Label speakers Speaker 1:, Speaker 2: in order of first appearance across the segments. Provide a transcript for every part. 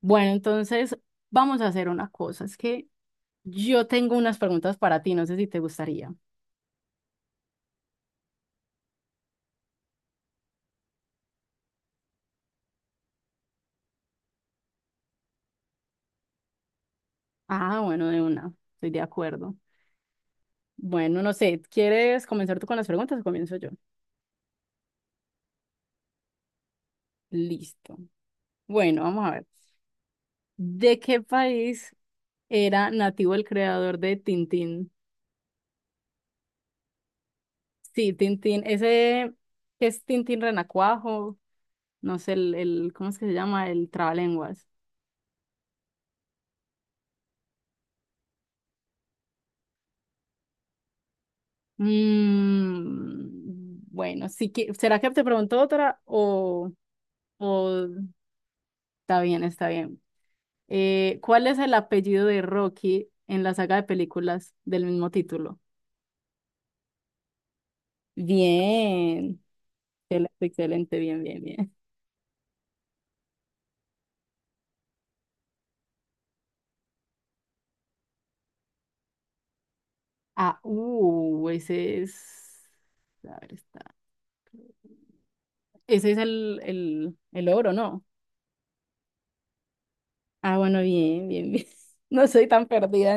Speaker 1: Bueno, entonces vamos a hacer una cosa. Es que yo tengo unas preguntas para ti, no sé si te gustaría. Ah, bueno, de una, estoy de acuerdo. Bueno, no sé, ¿quieres comenzar tú con las preguntas o comienzo yo? Listo. Bueno, vamos a ver. ¿De qué país era nativo el creador de Tintín? Sí, Tintín, ese que es Tintín Renacuajo, no sé, ¿cómo es que se llama? El trabalenguas. Mm, bueno, sí que, ¿será que te pregunto otra o está bien, está bien? ¿Cuál es el apellido de Rocky en la saga de películas del mismo título? Bien, excelente, excelente, bien, bien, bien. Ah, ese es, a ver, está. Ese es el oro, ¿no? Ah, bueno, bien, bien, bien. No soy tan perdida.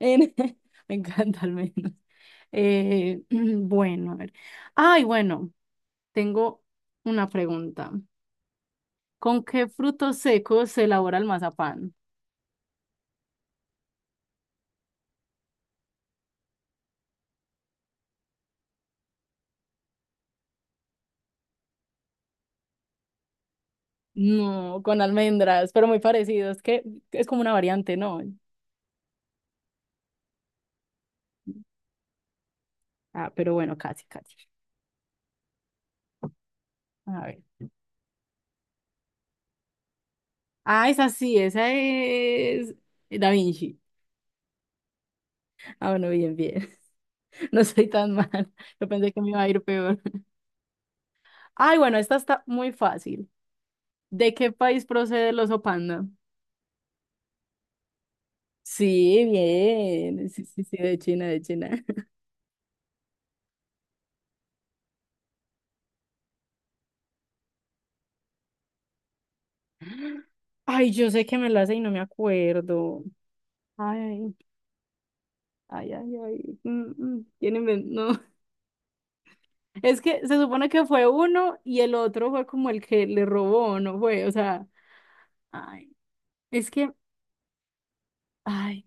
Speaker 1: En- Me encanta al menos. Bueno, a ver. Ay, bueno, tengo una pregunta. ¿Con qué frutos secos se elabora el mazapán? No, con almendras, pero muy parecido. Es que es como una variante, ¿no? Ah, pero bueno, casi, casi. A ver. Ah, esa sí, esa es Da Vinci. Ah, bueno, bien, bien. No soy tan mal. Yo pensé que me iba a ir peor. Ay, bueno, esta está muy fácil. ¿De qué país procede el oso panda? Sí, bien. Sí, sí, sí, de China, de China. Ay, yo sé que me la sé y no me acuerdo. Ay, ay, ay, ay. No, es que se supone que fue uno y el otro fue como el que le robó, ¿no fue? O sea, ay, es que, ay,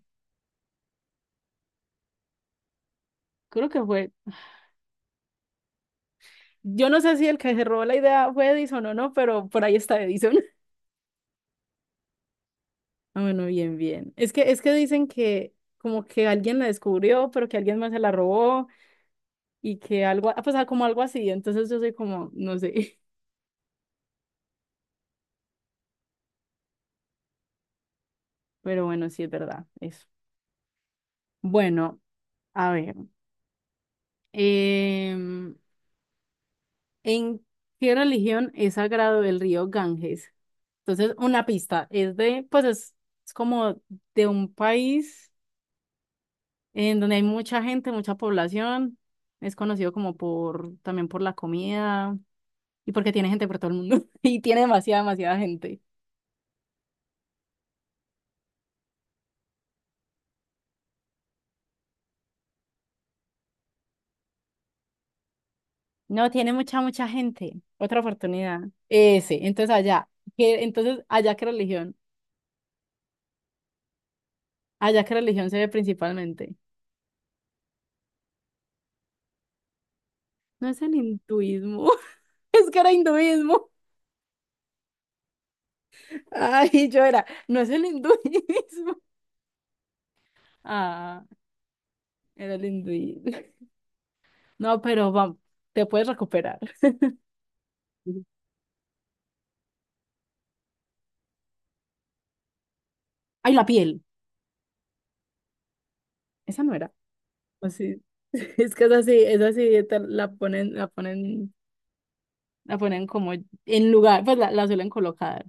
Speaker 1: creo que fue. Yo no sé si el que se robó la idea fue Edison o no, pero por ahí está Edison. Ah, bueno, bien, bien. Es que dicen que como que alguien la descubrió, pero que alguien más se la robó. Y que algo, pues como algo así, entonces yo soy como, no sé, pero bueno, sí es verdad, eso. Bueno, a ver, em, ¿en qué religión es sagrado el río Ganges? Entonces, una pista, es de, pues es como de un país en donde hay mucha gente, mucha población, es conocido como por, también por la comida y porque tiene gente por todo el mundo y tiene demasiada, demasiada gente. No, tiene mucha, mucha gente. Otra oportunidad. Ese, entonces allá, entonces allá allá qué religión se ve principalmente. No es el hinduismo, es que era hinduismo. Ay, yo era, no es el hinduismo. Ah, era el hinduismo. No, pero vamos, te puedes recuperar. Ay, la piel, esa no era. O sí, es que esa sí, esta la ponen como en lugar, pues la suelen colocar.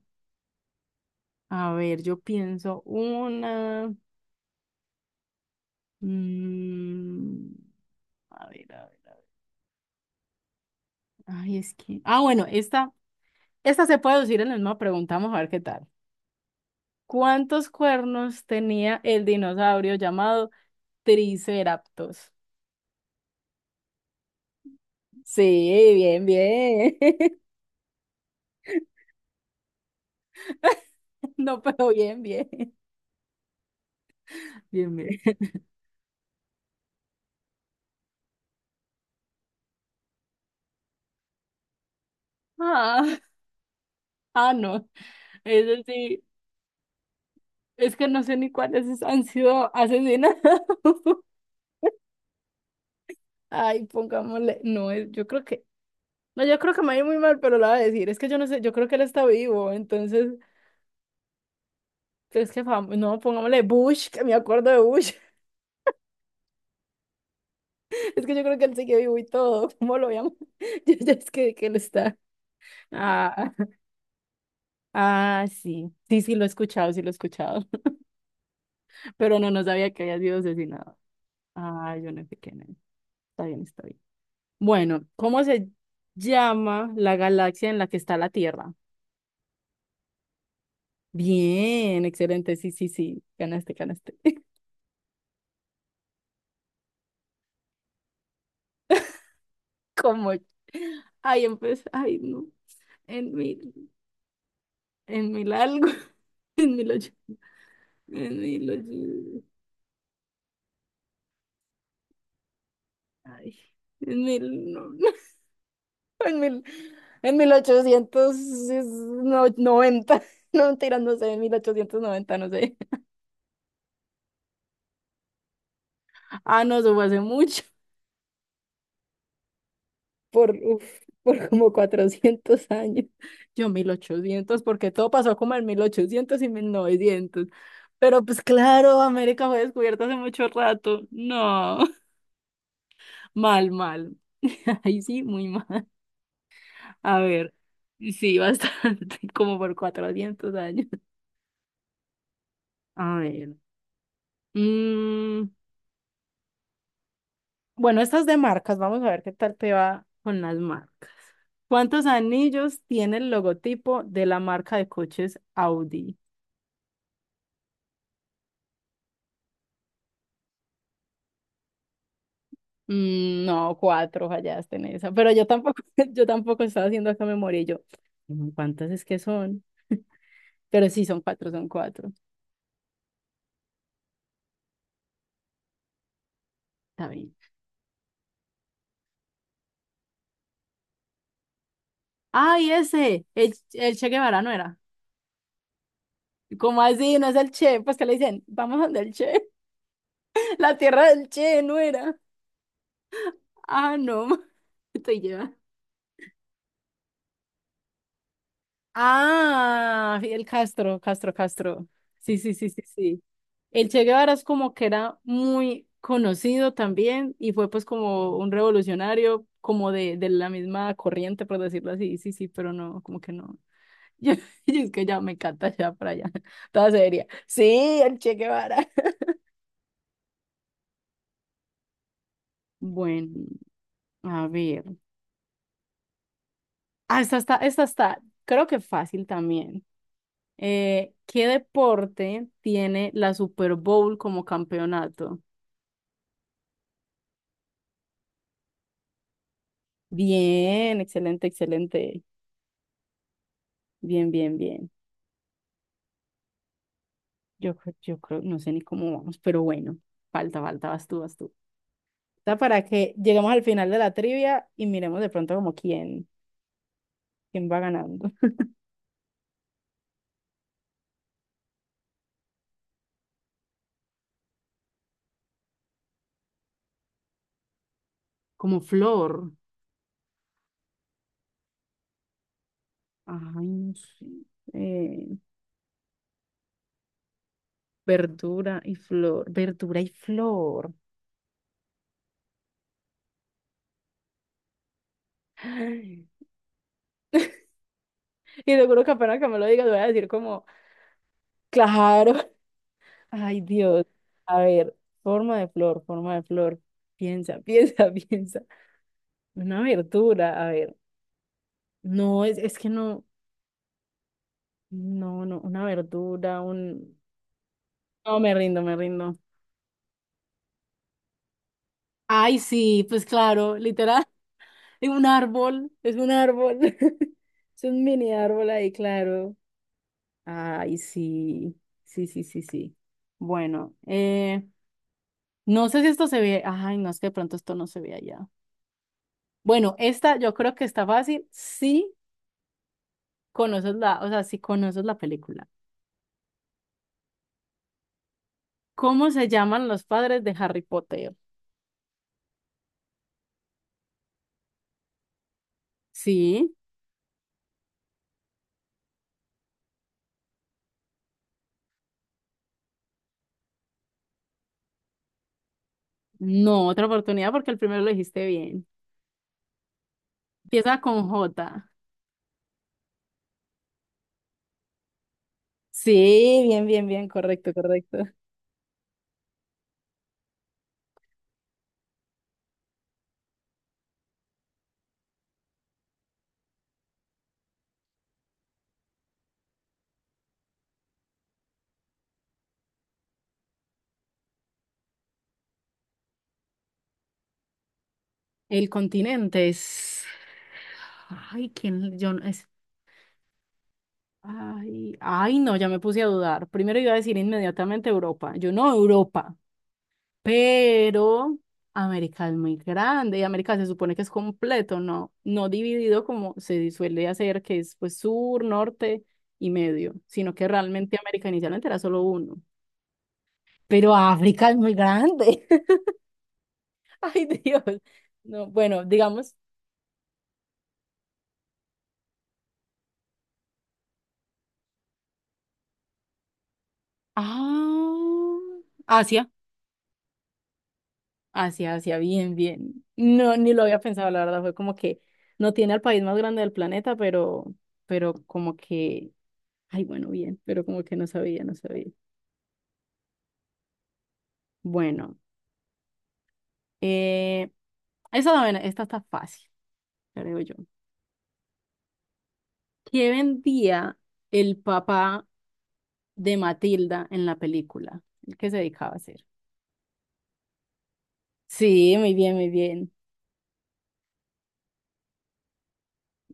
Speaker 1: A ver, yo pienso una. mm, a ver, a ver, a ver. Ay, es que. Ah, bueno, esta se puede decir en la misma pregunta. Vamos a ver qué tal. ¿Cuántos cuernos tenía el dinosaurio llamado Triceratops? Sí, bien, bien. No, pero bien, bien. Bien, bien. Ah, ah, no. Es decir, es que no sé ni cuáles han sido asesinados. Ay, pongámosle. No, yo creo que. No, yo creo que me va a ir muy mal, pero la voy a decir. Es que yo no sé, yo creo que él está vivo, entonces, es que no, pongámosle Bush, que me acuerdo de Bush. Es que yo creo que él sigue vivo y todo. ¿Cómo lo llamo? Yo ya es que él está. Ah, ah, sí. Sí, sí, lo he escuchado, sí lo he escuchado. Pero no, no sabía que había sido asesinado. Ah, yo no sé quién es. Está bien, está bien. Bueno, ¿cómo se llama la galaxia en la que está la Tierra? Bien, excelente. Sí, sí, sí. Ganaste, ganaste. Como, ay, empecé, ay, no, en mil, en mil algo, en mil ocho, en mil ocho, ay, en mil, no, en mil, en mil ochocientos noventa, no, mentira, no sé, en 1890, no sé. Ah, no, eso fue hace mucho, por, uf, por como 400 años. Yo 1800, porque todo pasó como en 1800 y 1900. Pero pues claro, América fue descubierta hace mucho rato. No. Mal, mal. Ahí sí, muy mal. A ver, sí, bastante, como por 400 años. A ver. mm, bueno, estas es de marcas, vamos a ver qué tal te va con las marcas. ¿Cuántos anillos tiene el logotipo de la marca de coches Audi? Mm, no, cuatro, fallaste en esa, pero yo tampoco, yo tampoco estaba haciendo acá memoria y yo, "Mm, ¿cuántas es que son? Pero sí, son cuatro, son cuatro. Está bien. ¡Ay, ese! El Che Guevara, ¿no era? ¿Cómo así? ¿No es el Che? Pues que le dicen, vamos donde el Che. La tierra del Che, no era. Ah, no. Estoy lleva. Ah, Fidel Castro, Castro, Castro. Sí, sí, sí, sí, sí. El Che Guevara es como que era muy conocido también y fue pues como un revolucionario, como de la misma corriente, por decirlo así. Sí, sí, pero no, como que no. Yo, yo es que ya me encanta ya para allá. Toda seria. Sí, el Che Guevara. Bueno, a ver. Ah, esta está, creo que fácil también. ¿Qué deporte tiene la Super Bowl como campeonato? Bien, excelente, excelente. Bien, bien, bien. Yo creo, no sé ni cómo vamos, pero bueno, falta, falta, vas tú, vas tú. Está para que lleguemos al final de la trivia y miremos de pronto como quién va ganando. Como flor. Ay, no sé. Eh, verdura y flor, verdura y flor. Y seguro que apenas que me lo digas voy a decir como, claro, ay Dios, a ver, forma de flor, piensa, piensa, piensa. Una verdura, a ver, no, es que no, no, no, una verdura, un... No, me rindo, me rindo. Ay, sí, pues claro, literal, es un árbol, es un mini árbol ahí, claro. Ay, sí, sí, sí, sí, sí. Bueno, no sé si esto se ve. Ay, no, es que de pronto esto no se ve allá. Bueno, esta yo creo que está fácil si conoces la, o sea, si conoces la película. ¿Cómo se llaman los padres de Harry Potter? Sí, no, otra oportunidad porque el primero lo dijiste bien. Empieza con J. Sí, bien, bien, bien, correcto, correcto. El continente es. Ay, ¿quién? Yo no- es. Ay, ay, no, ya me puse a dudar. Primero iba a decir inmediatamente Europa. Yo no, Europa. Pero América es muy grande y América se supone que es completo, ¿no? No dividido como se suele hacer, que es pues sur, norte y medio, sino que realmente América inicialmente era solo uno. Pero África es muy grande. Ay, Dios. No, bueno, digamos, ah, Asia. Asia, Asia, bien, bien. No, ni lo había pensado, la verdad, fue como que no tiene al país más grande del planeta, pero como que, ay, bueno, bien, pero como que no sabía, no sabía. Bueno, eh, esa, bueno, esta está fácil, creo yo. ¿Qué vendía el papá de Matilda en la película? ¿El que se dedicaba a hacer? Sí, muy bien,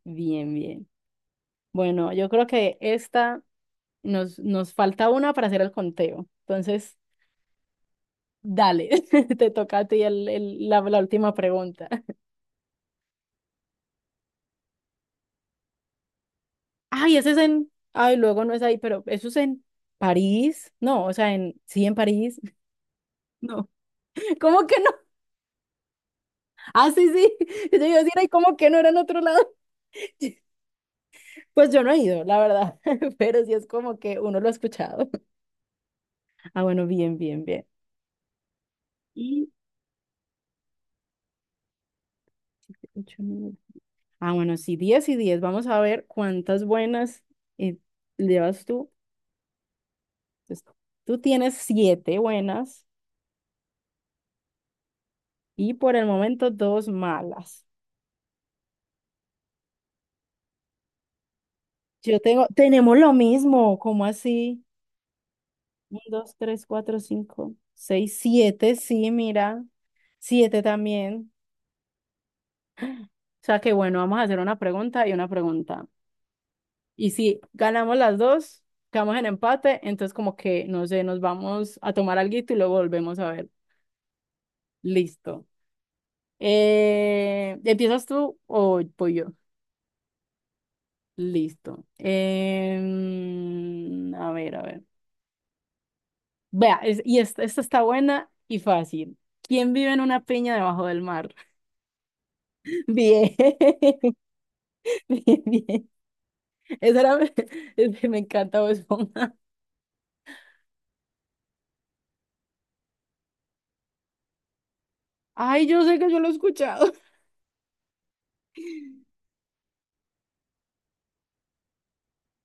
Speaker 1: bien, bien. Bueno, yo creo que esta nos falta una para hacer el conteo. Entonces... Dale, te toca a ti la última pregunta. Ay, ese es en... Ay, luego no es ahí, pero eso es en París. No, o sea, en... Sí, en París. No. ¿Cómo que no? Ah, sí, sí. Yo iba a decir, ay, ¿cómo que no era en otro lado? Pues yo no he ido, la verdad. Pero sí es como que uno lo ha escuchado. Ah, bueno, bien, bien, bien. Y siete, ocho, nueve. Ah, bueno, sí, 10 y 10. Vamos a ver cuántas buenas eh, llevas tú. Pues, tú tienes siete buenas. Y por el momento, dos malas. Yo tengo, tenemos lo mismo, ¿cómo así? Un, dos, tres, cuatro, cinco, seis, siete, sí, mira. Siete también. O sea que bueno, vamos a hacer una pregunta. Y si ganamos las dos, quedamos en empate, entonces como que, no sé, nos vamos a tomar alguito y luego volvemos a ver. Listo. ¿Empiezas tú o voy yo? Listo. A ver, a ver. Vea, y esta está buena y fácil. ¿Quién vive en una piña debajo del mar? Bien, bien, bien. Esa era, es que me encanta Bob Esponja. Ay, yo sé que yo lo he escuchado.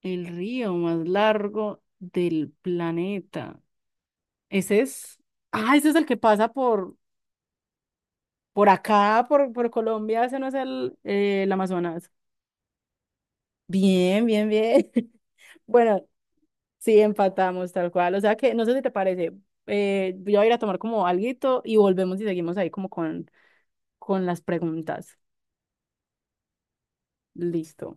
Speaker 1: El río más largo del planeta. Ese es. Ah, ese es el que pasa por, acá, por Colombia. Ese no es el Amazonas. Bien, bien, bien. Bueno, sí, empatamos tal cual. O sea que, no sé si te parece, yo voy a ir a tomar como alguito y volvemos y seguimos ahí como con, las preguntas. Listo.